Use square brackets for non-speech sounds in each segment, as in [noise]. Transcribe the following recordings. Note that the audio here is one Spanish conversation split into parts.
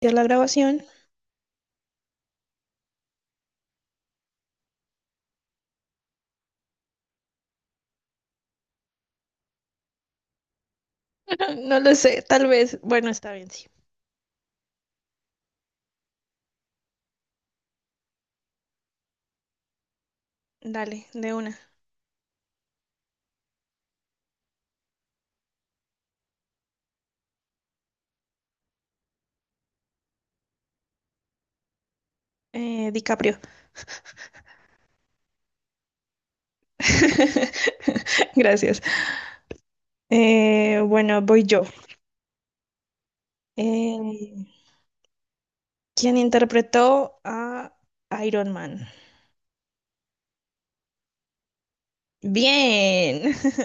¿Ya la grabación? [laughs] No lo sé, tal vez. Bueno, está bien, sí. Dale, de una. DiCaprio. [laughs] Gracias. Bueno, voy yo. Eh, ¿Quién interpretó a Iron Man? Bien. [laughs]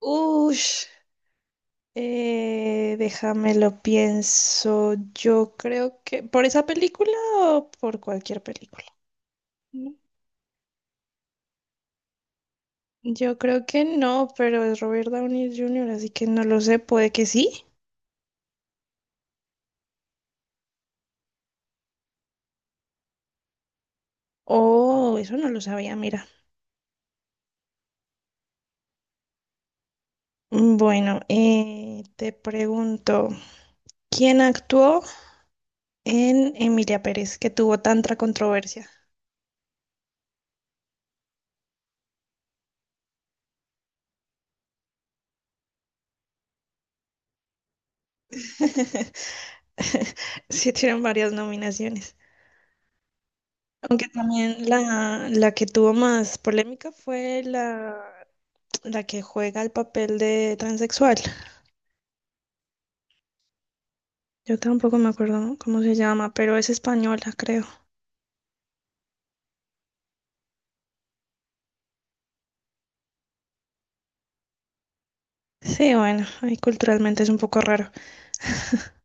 Ush. Déjame lo pienso. Yo creo que... ¿Por esa película o por cualquier película? No, yo creo que no, pero es Robert Downey Jr., así que no lo sé. Puede que sí. Oh, eso no lo sabía, mira. Mm, bueno, te pregunto, ¿quién actuó en Emilia Pérez, que tuvo tanta controversia? [laughs] Sí, tienen varias nominaciones. Aunque también la que tuvo más polémica fue la que juega el papel de transexual. Yo tampoco me acuerdo cómo se llama, pero es española, creo. Sí, bueno, ahí culturalmente es un poco raro. [laughs]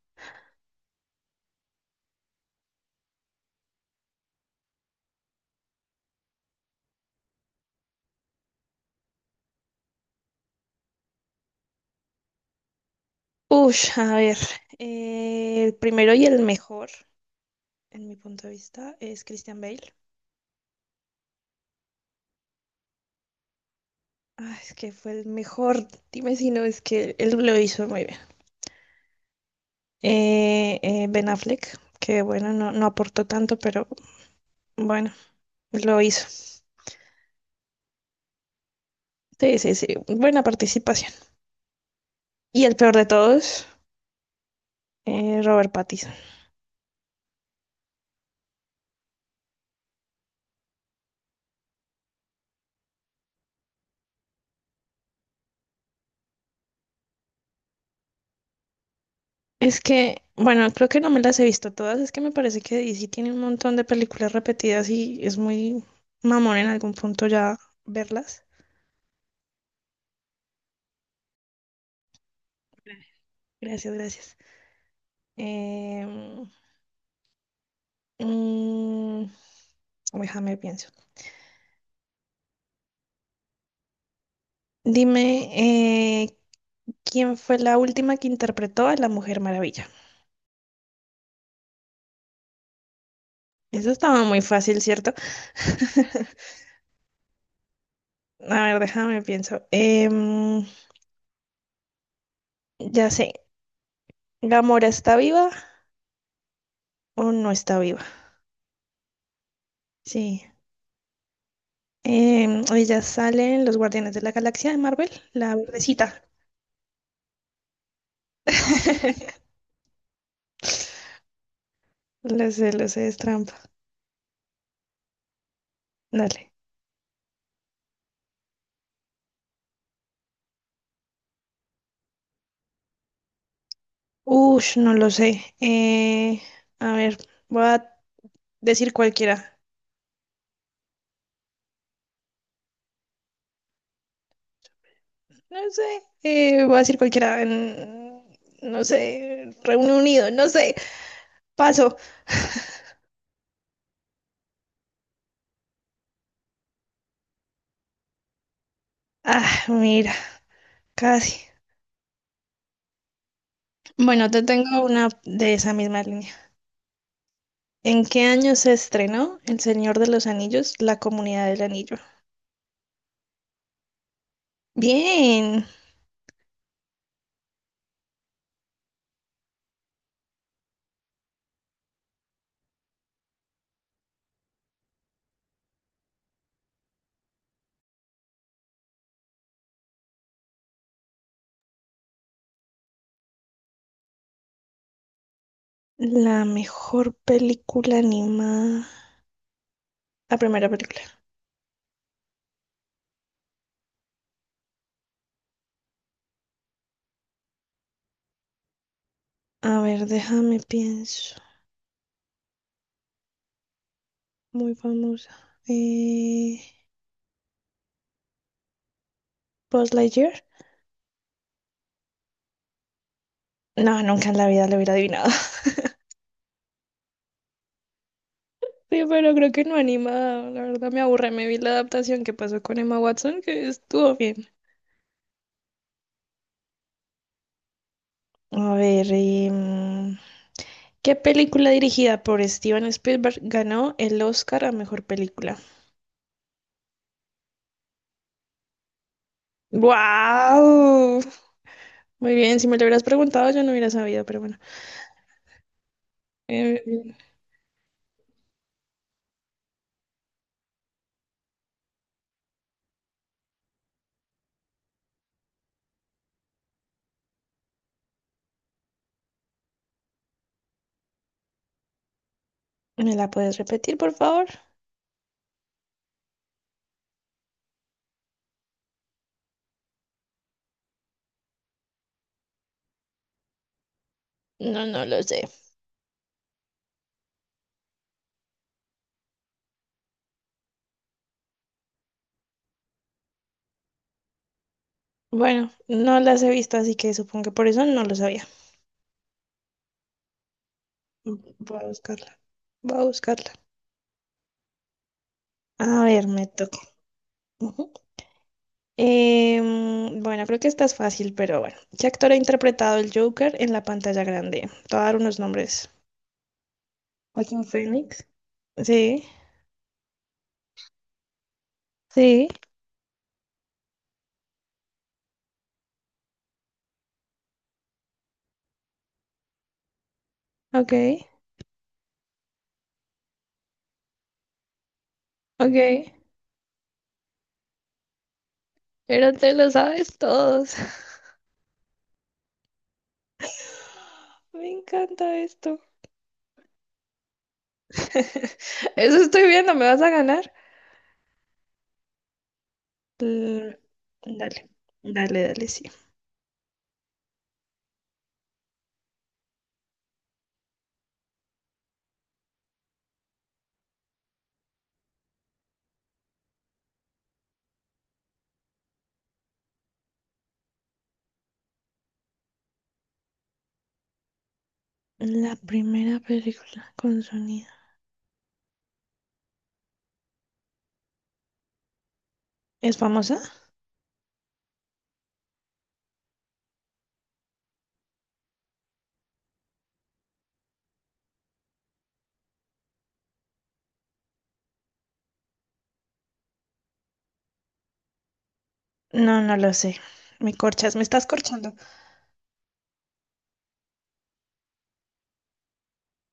Ush, a ver, el primero y el mejor, en mi punto de vista, es Christian Bale. Ah, es que fue el mejor, dime si no, es que él lo hizo muy bien. Ben Affleck, que bueno, no aportó tanto, pero bueno, lo hizo. Sí, sí, sí, buena participación. Y el peor de todos, Robert Pattinson. Es que, bueno, creo que no me las he visto todas, es que me parece que DC tiene un montón de películas repetidas y es muy mamón en algún punto ya verlas. Gracias, gracias. Em, mm, déjame pienso. Dime, eh, ¿quién fue la última que interpretó a la Mujer Maravilla? Eso estaba muy fácil, ¿cierto? [laughs] A ver, déjame pienso. Ya sé, ¿Gamora está viva o no está viva? Sí. Ella sale en Los Guardianes de la Galaxia de Marvel, la verdecita. [laughs] Lo sé, es trampa. Dale. Ush, no lo sé. A ver, voy a decir cualquiera. No sé, voy a decir cualquiera. No sé, Reino Unido, no sé. Paso. Ah, mira, casi. Bueno, te tengo una de esa misma línea. ¿En qué año se estrenó El Señor de los Anillos, La Comunidad del Anillo? Bien, la mejor película animada. La primera película. A ver, déjame pienso. Muy famosa. Eh, Buzz Lightyear. No, nunca en la vida lo hubiera adivinado. [laughs] Sí, pero creo que no anima. La verdad me aburre. Me vi la adaptación que pasó con Emma Watson, que estuvo bien. A ver, y, ¿qué película dirigida por Steven Spielberg ganó el Oscar a mejor película? ¡Wow! Muy bien, si me lo hubieras preguntado yo no hubiera sabido, pero bueno. Eh, ¿Me la puedes repetir, por favor? No, no lo sé. Bueno, no las he visto, así que supongo que por eso no lo sabía. Voy a buscarla. Voy a buscarla. A ver, me toca. Ujú. Bueno, creo que esta es fácil, pero bueno. ¿Qué actor ha interpretado el Joker en la pantalla grande? Te voy a dar unos nombres. Joaquín Phoenix. Sí, sí, ok, ok. Pero te lo sabes todos. [laughs] Me encanta esto. [laughs] Eso estoy viendo, ¿me vas a ganar? L- Dale, dale, dale, sí. La primera película con sonido. ¿Es famosa? No, no lo sé. Me corchas, me estás corchando.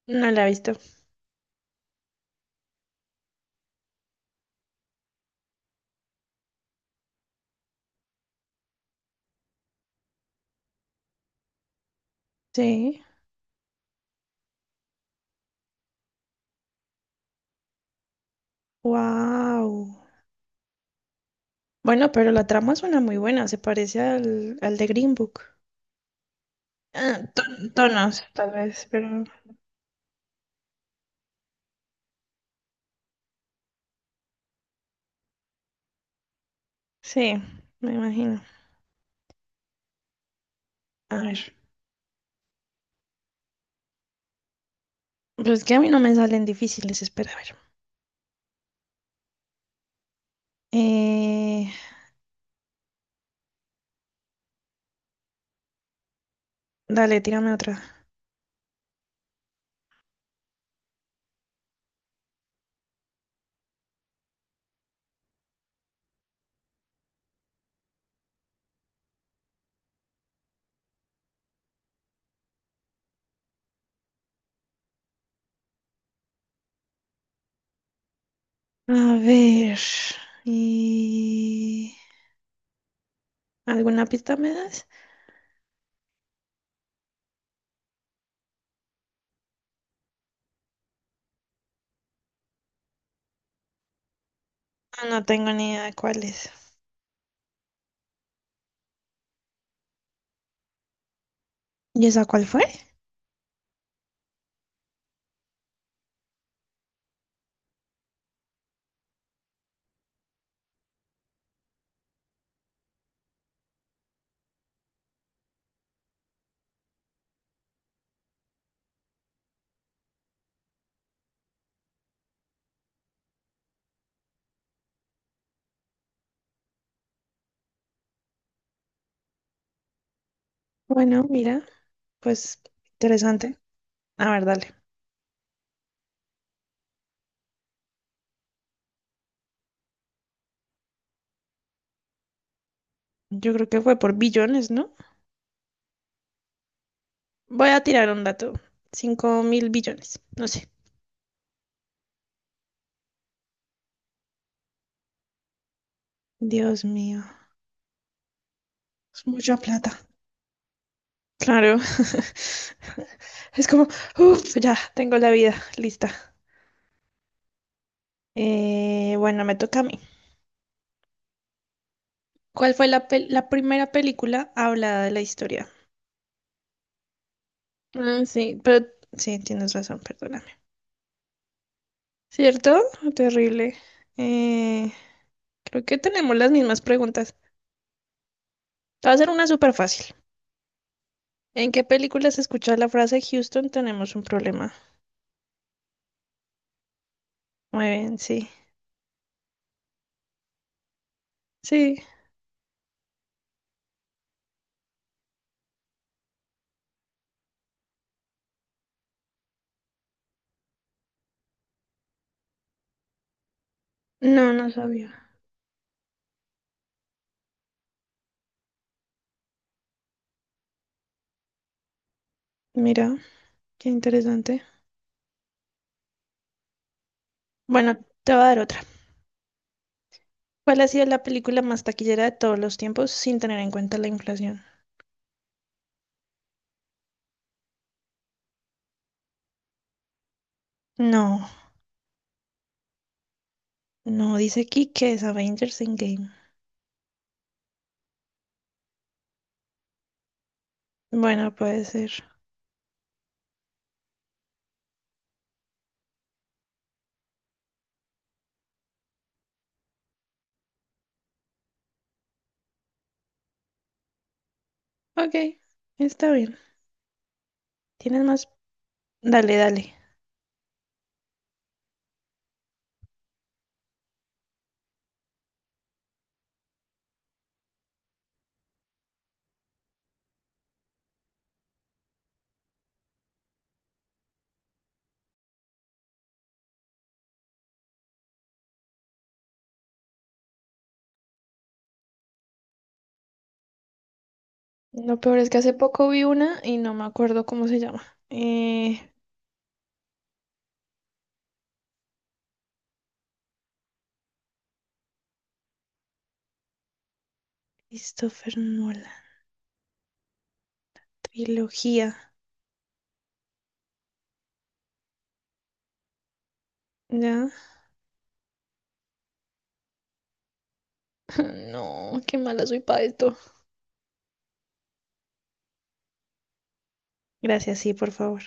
No la he visto. Sí. Wow. Bueno, pero la trama suena muy buena. Se parece al de Green Book. Ah, tonos, tal vez, pero sí, me imagino. A ver. Pues es que a mí no me salen difíciles. Espera, a ver. Eh, dale, tírame otra. A ver. eh, ¿Alguna pista me das? Ah, no tengo ni idea de cuál es. ¿Y esa cuál fue? Bueno, mira, pues interesante. A ver, dale. Yo creo que fue por billones, ¿no? Voy a tirar un dato. Cinco mil billones, no sé. Dios mío, es mucha plata. Claro. [laughs] Es como, uff, ya tengo la vida lista. Bueno, me toca a mí. ¿Cuál fue la primera película hablada de la historia? Ah, sí, pero sí, tienes razón, perdóname. ¿Cierto? Terrible. Eh, creo que tenemos las mismas preguntas. Te va a ser una súper fácil. ¿En qué películas escuchas la frase Houston tenemos un problema? Muy bien, sí. Sí, no, no sabía. Mira, qué interesante. Bueno, te voy a dar otra. ¿Cuál ha sido la película más taquillera de todos los tiempos sin tener en cuenta la inflación? No, no, dice aquí que es Avengers Endgame. Bueno, puede ser. Ok, está bien. ¿Tienes más? Dale, dale. Lo peor es que hace poco vi una y no me acuerdo cómo se llama. Eh, Christopher Nolan, trilogía. ¿Ya? [laughs] No, qué mala soy para esto. Gracias, sí, por favor.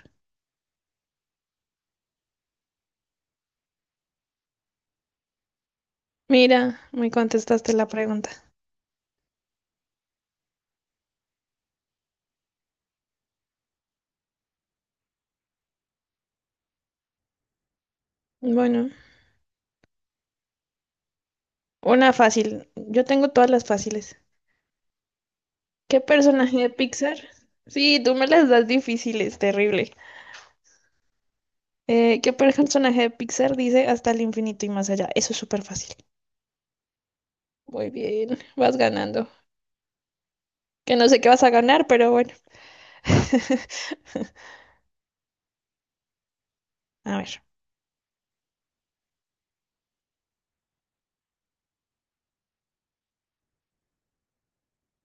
Mira, me contestaste la pregunta. Bueno, una fácil. Yo tengo todas las fáciles. ¿Qué personaje de Pixar? Sí, tú me las das difíciles, terrible. ¿Qué personaje de Pixar dice hasta el infinito y más allá? Eso es súper fácil. Muy bien, vas ganando. Que no sé qué vas a ganar, pero bueno. [laughs] A ver,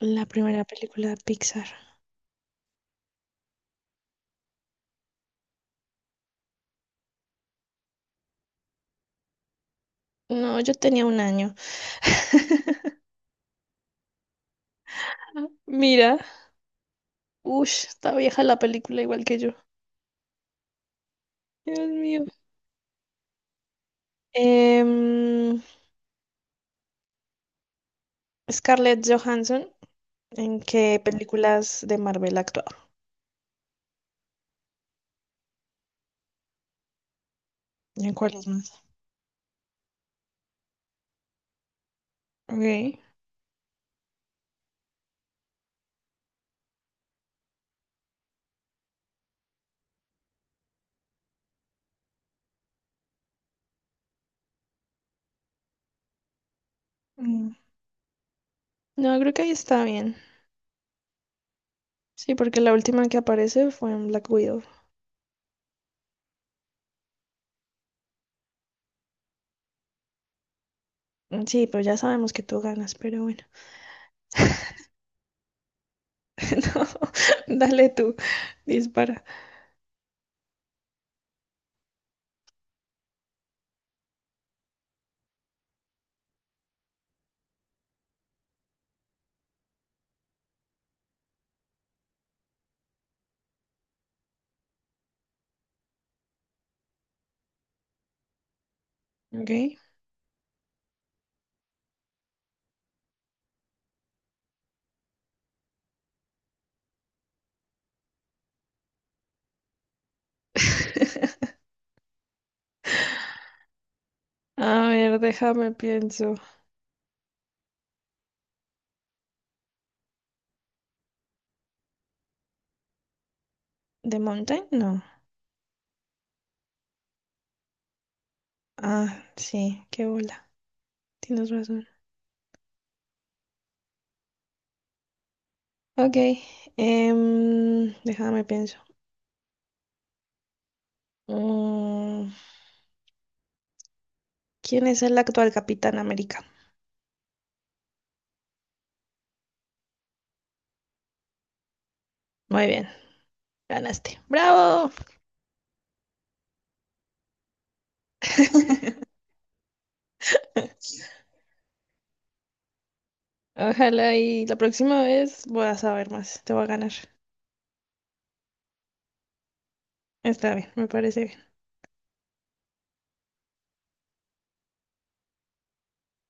la primera película de Pixar. No, yo tenía 1 año. [laughs] Mira, Ush, está vieja la película igual que yo. Dios mío. Em, Scarlett Johansson, ¿en qué películas de Marvel ha actuado? ¿Y en cuáles más? Ok. Mm. No, creo que ahí está bien. Sí, porque la última que aparece fue en Black Widow. Mm, sí, pero ya sabemos que tú ganas, pero bueno. [laughs] No, dale tú, dispara. Ok. [laughs] A ver, déjame pienso. ¿The Mountain? No. Ah, sí, qué bola. Tienes razón. Ok, déjame pienso. Mm, ¿Quién es el actual Capitán América? Muy bien, ganaste. ¡Bravo! [laughs] Ojalá y la próxima vez voy a saber más. Te voy a ganar. Está bien, me parece bien.